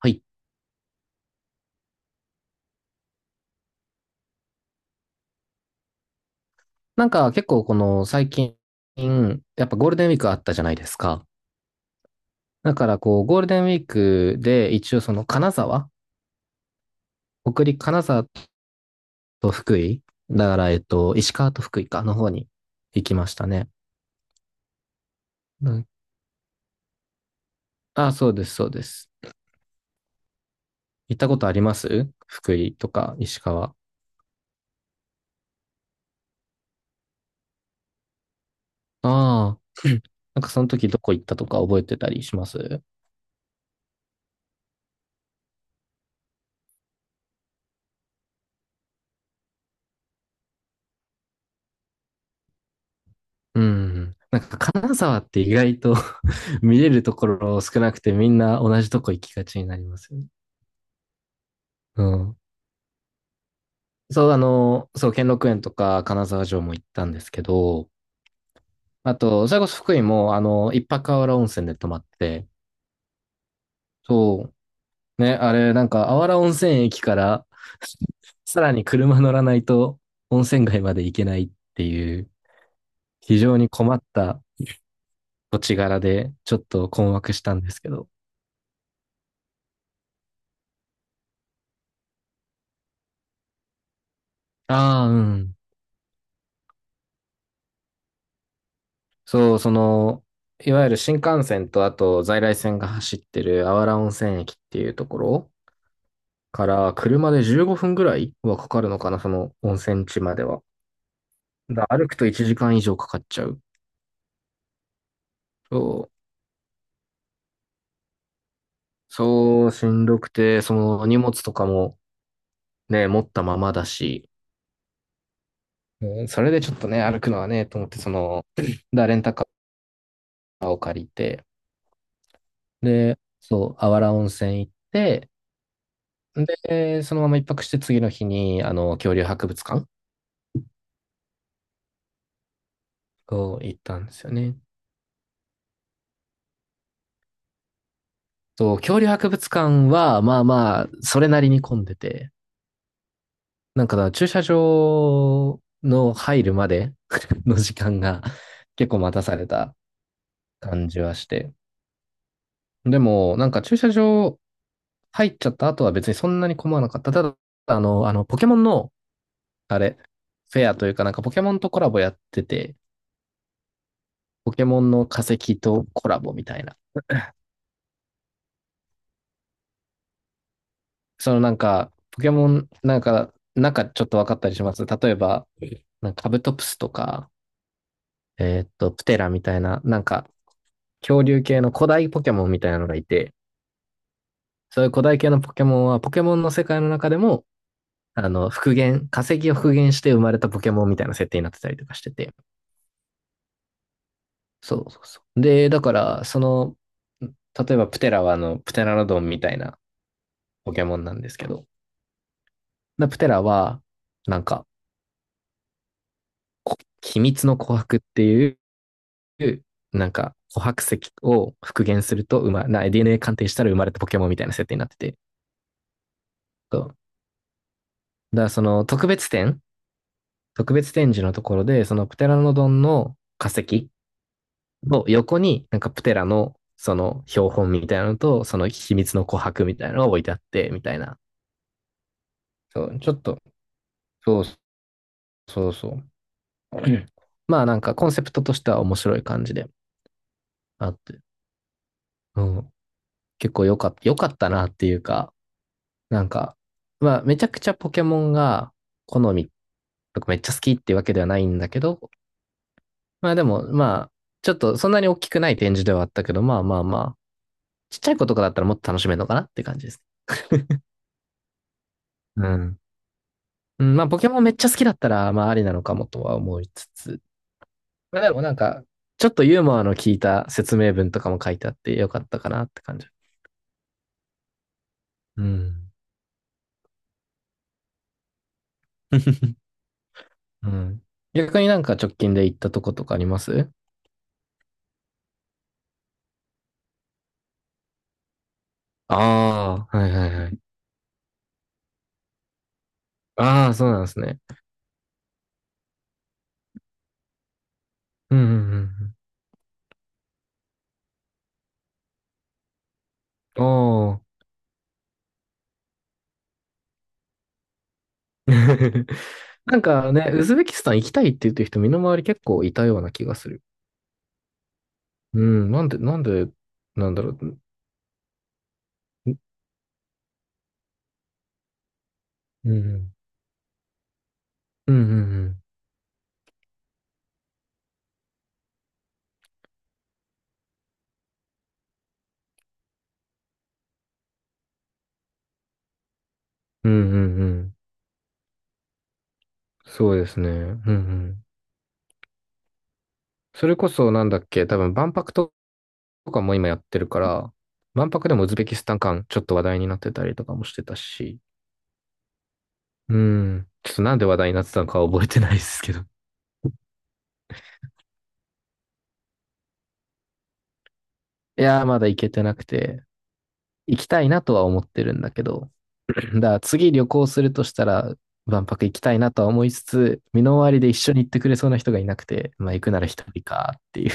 はい。なんか結構この最近、やっぱゴールデンウィークあったじゃないですか。だからこう、ゴールデンウィークで一応その金沢、北陸金沢と福井、だから石川と福井かの方に行きましたね。うん。あ、そうです、そうです。行ったことあります福井とか石川。ああ、なんかその時どこ行ったとか覚えてたりします？うん。なんか金沢って意外と 見れるところ少なくてみんな同じとこ行きがちになりますよね。うん。そう、あの、そう、兼六園とか金沢城も行ったんですけど、あと、それこそ福井も、あの、一泊あわら温泉で泊まって、そう、ね、あれ、なんか、あわら温泉駅から さらに車乗らないと温泉街まで行けないっていう、非常に困った土地柄で、ちょっと困惑したんですけど。ああ、うん。そう、その、いわゆる新幹線とあと在来線が走ってるあわら温泉駅っていうところから車で15分ぐらいはかかるのかな、その温泉地までは。だから歩くと1時間以上かかっちゃう。そう、そう、しんどくて、その荷物とかもね、持ったままだし、うん、それでちょっとね、歩くのはね、と思って、その、だ、レンタカーを借りて、で、そう、あわら温泉行って、で、そのまま一泊して次の日に、あの、恐竜博物館を行ったんですよね。そう、恐竜博物館は、まあまあ、それなりに混んでて、なんかだから駐車場の入るまで の時間が結構待たされた感じはして。でも、なんか駐車場入っちゃった後は別にそんなに困らなかった。ただ、あの、ポケモンの、あれ、フェアというかなんかポケモンとコラボやってて、ポケモンの化石とコラボみたいな。そのなんか、ポケモン、なんかちょっと分かったりします。例えば、なんかカブトプスとか、プテラみたいな、なんか、恐竜系の古代ポケモンみたいなのがいて、そういう古代系のポケモンは、ポケモンの世界の中でも、あの、復元、化石を復元して生まれたポケモンみたいな設定になってたりとかしてて。そうそうそう。で、だから、その、例えばプテラはあの、プテラノドンみたいなポケモンなんですけど、でプテラは、なんか、秘密の琥珀っていう、なんか、琥珀石を復元すると、ま、な、DNA 鑑定したら生まれたポケモンみたいな設定になってて、そう。だからその特別展示のところで、そのプテラノドンの化石の横に、なんかプテラのその標本みたいなのと、その秘密の琥珀みたいなのが置いてあって、みたいな。そう、ちょっと、そうそうそう。まあなんかコンセプトとしては面白い感じであって、うん、結構良かったなっていうか、なんか、まあめちゃくちゃポケモンが好みとかめっちゃ好きっていうわけではないんだけど、まあでもまあ、ちょっとそんなに大きくない展示ではあったけど、まあまあまちっちゃい子とかだったらもっと楽しめるのかなって感じです。うん。うん、まあ、ポケモンめっちゃ好きだったら、まあ、ありなのかもとは思いつつ、まあ、でもなんか、ちょっとユーモアの効いた説明文とかも書いてあってよかったかなって感じ。うん。うん。逆になんか直近で行ったとことかあります？ああ、はいはいはい。ああ、そうなんですね。うんうんうん。おー。なんかね、ウズベキスタン行きたいって言ってる人、身の回り結構いたような気がする。うん、なんだろう。うん。うんうんうん。うんうんうん。そうですね。うんうん。それこそなんだっけ、多分万博とかも今やってるから、万博でもウズベキスタン館ちょっと話題になってたりとかもしてたし、うん。ちょっとなんで話題になってたのかは覚えてないですけど。いやー、まだ行けてなくて、行きたいなとは思ってるんだけど、だから次旅行するとしたら、万博行きたいなとは思いつつ、身の回りで一緒に行ってくれそうな人がいなくて、まあ行くなら一人かっていう。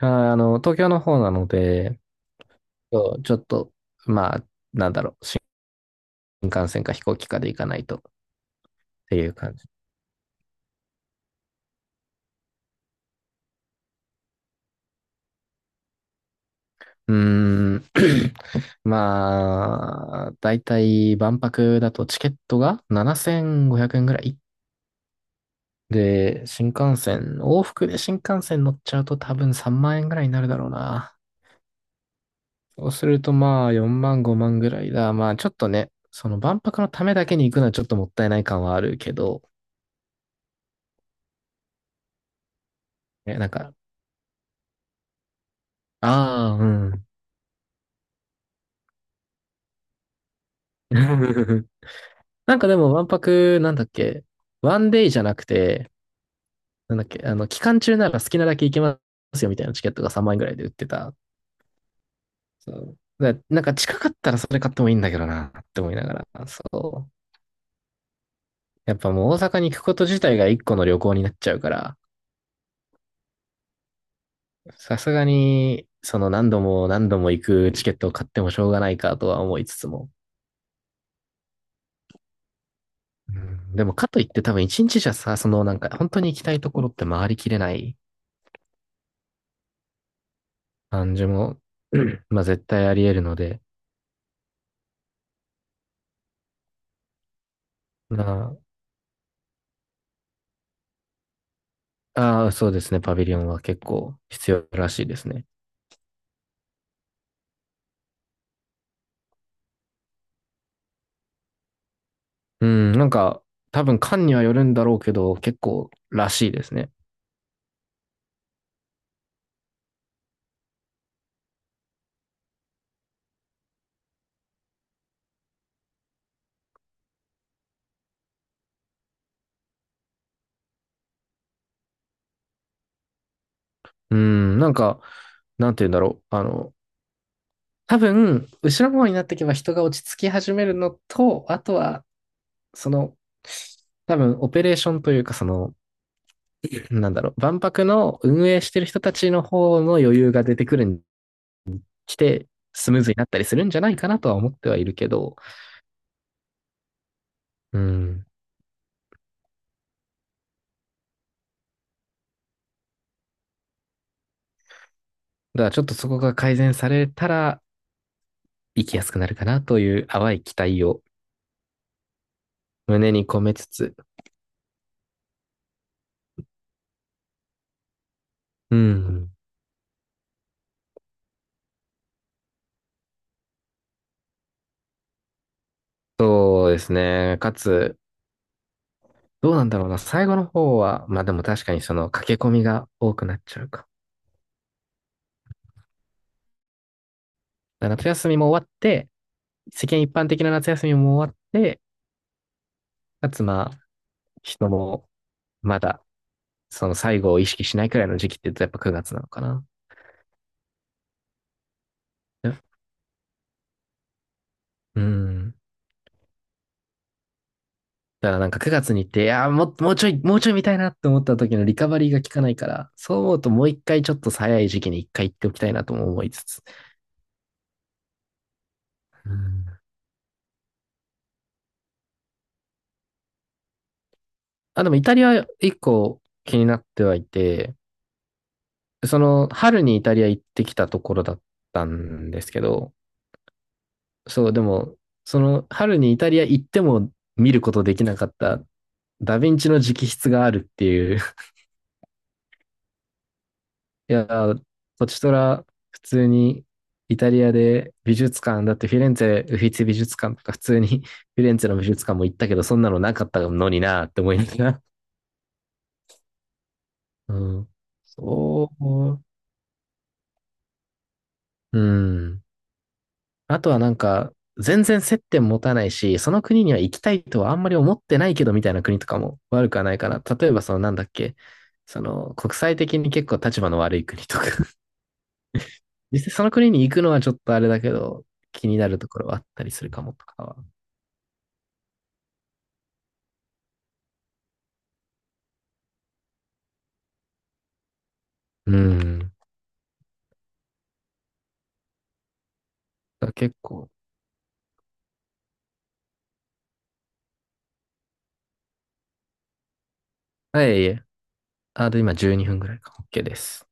あ、あの、東京の方なので、そうちょっと、まあ、なんだろう、新幹線か飛行機かで行かないとっていう感じ。うーん、まあ、だいたい万博だとチケットが7500円ぐらい。で、新幹線、往復で新幹線乗っちゃうと多分3万円ぐらいになるだろうな。そうするとまあ4万5万ぐらいだ。まあちょっとね、その万博のためだけに行くのはちょっともったいない感はあるけど、えなんか、ああ、うん。なんかでも、わんぱく、なんだっけ、ワンデイじゃなくて、なんだっけ、あの、期間中なら好きなだけ行けますよみたいなチケットが3万円ぐらいで売ってた。そうだなんか近かったらそれ買ってもいいんだけどな、って思いながら。そう。やっぱもう大阪に行くこと自体が一個の旅行になっちゃうから、さすがに、その何度も行くチケットを買ってもしょうがないかとは思いつつも。うんでもかといって多分一日じゃさ、そのなんか本当に行きたいところって回りきれない感じも、まあ絶対あり得るので、な、ああ、そうですね、パビリオンは結構必要らしいですね。うん、なんか多分館にはよるんだろうけど、結構らしいですね。うん、なんか、なんて言うんだろう。あの、多分、後ろの方になっていけば人が落ち着き始めるのと、あとは、その、多分、オペレーションというか、その、なんだろう、万博の運営してる人たちの方の余裕が出てくるに来て、スムーズになったりするんじゃないかなとは思ってはいるけど、うん。だからちょっとそこが改善されたら、生きやすくなるかなという淡い期待を胸に込めつつ、うん。そうですね。かつ、どうなんだろうな。最後の方は、まあでも確かにその駆け込みが多くなっちゃうか。だから夏休みも終わって、世間一般的な夏休みも終わって、かつまあ、人もまだその最後を意識しないくらいの時期って言うとやっぱ9月なのかな。うん。だからなんか9月に行って、いやー、もうちょい見たいなって思った時のリカバリーが効かないから、そう思うともう一回ちょっと早い時期に一回行っておきたいなとも思いつつ。うん。あ、でもイタリア一個気になってはいて、その春にイタリア行ってきたところだったんですけど、そう、でも、その春にイタリア行っても見ることできなかったダヴィンチの直筆があるっていう。いやー、ポチトラ、普通にイタリアで美術館、だってフィレンツェ、ウフィツィ美術館とか普通に フィレンツェの美術館も行ったけど、そんなのなかったのになーって思いながら。うん。そう。うん。あとはなんか、全然接点持たないし、その国には行きたいとはあんまり思ってないけどみたいな国とかも悪くはないかな。例えばそのなんだっけ、その国際的に結構立場の悪い国とか実際その国に行くのはちょっとあれだけど、気になるところはあったりするかもとかは。うん。だから結構。はい、いえ。あと今12分ぐらいか。OK です。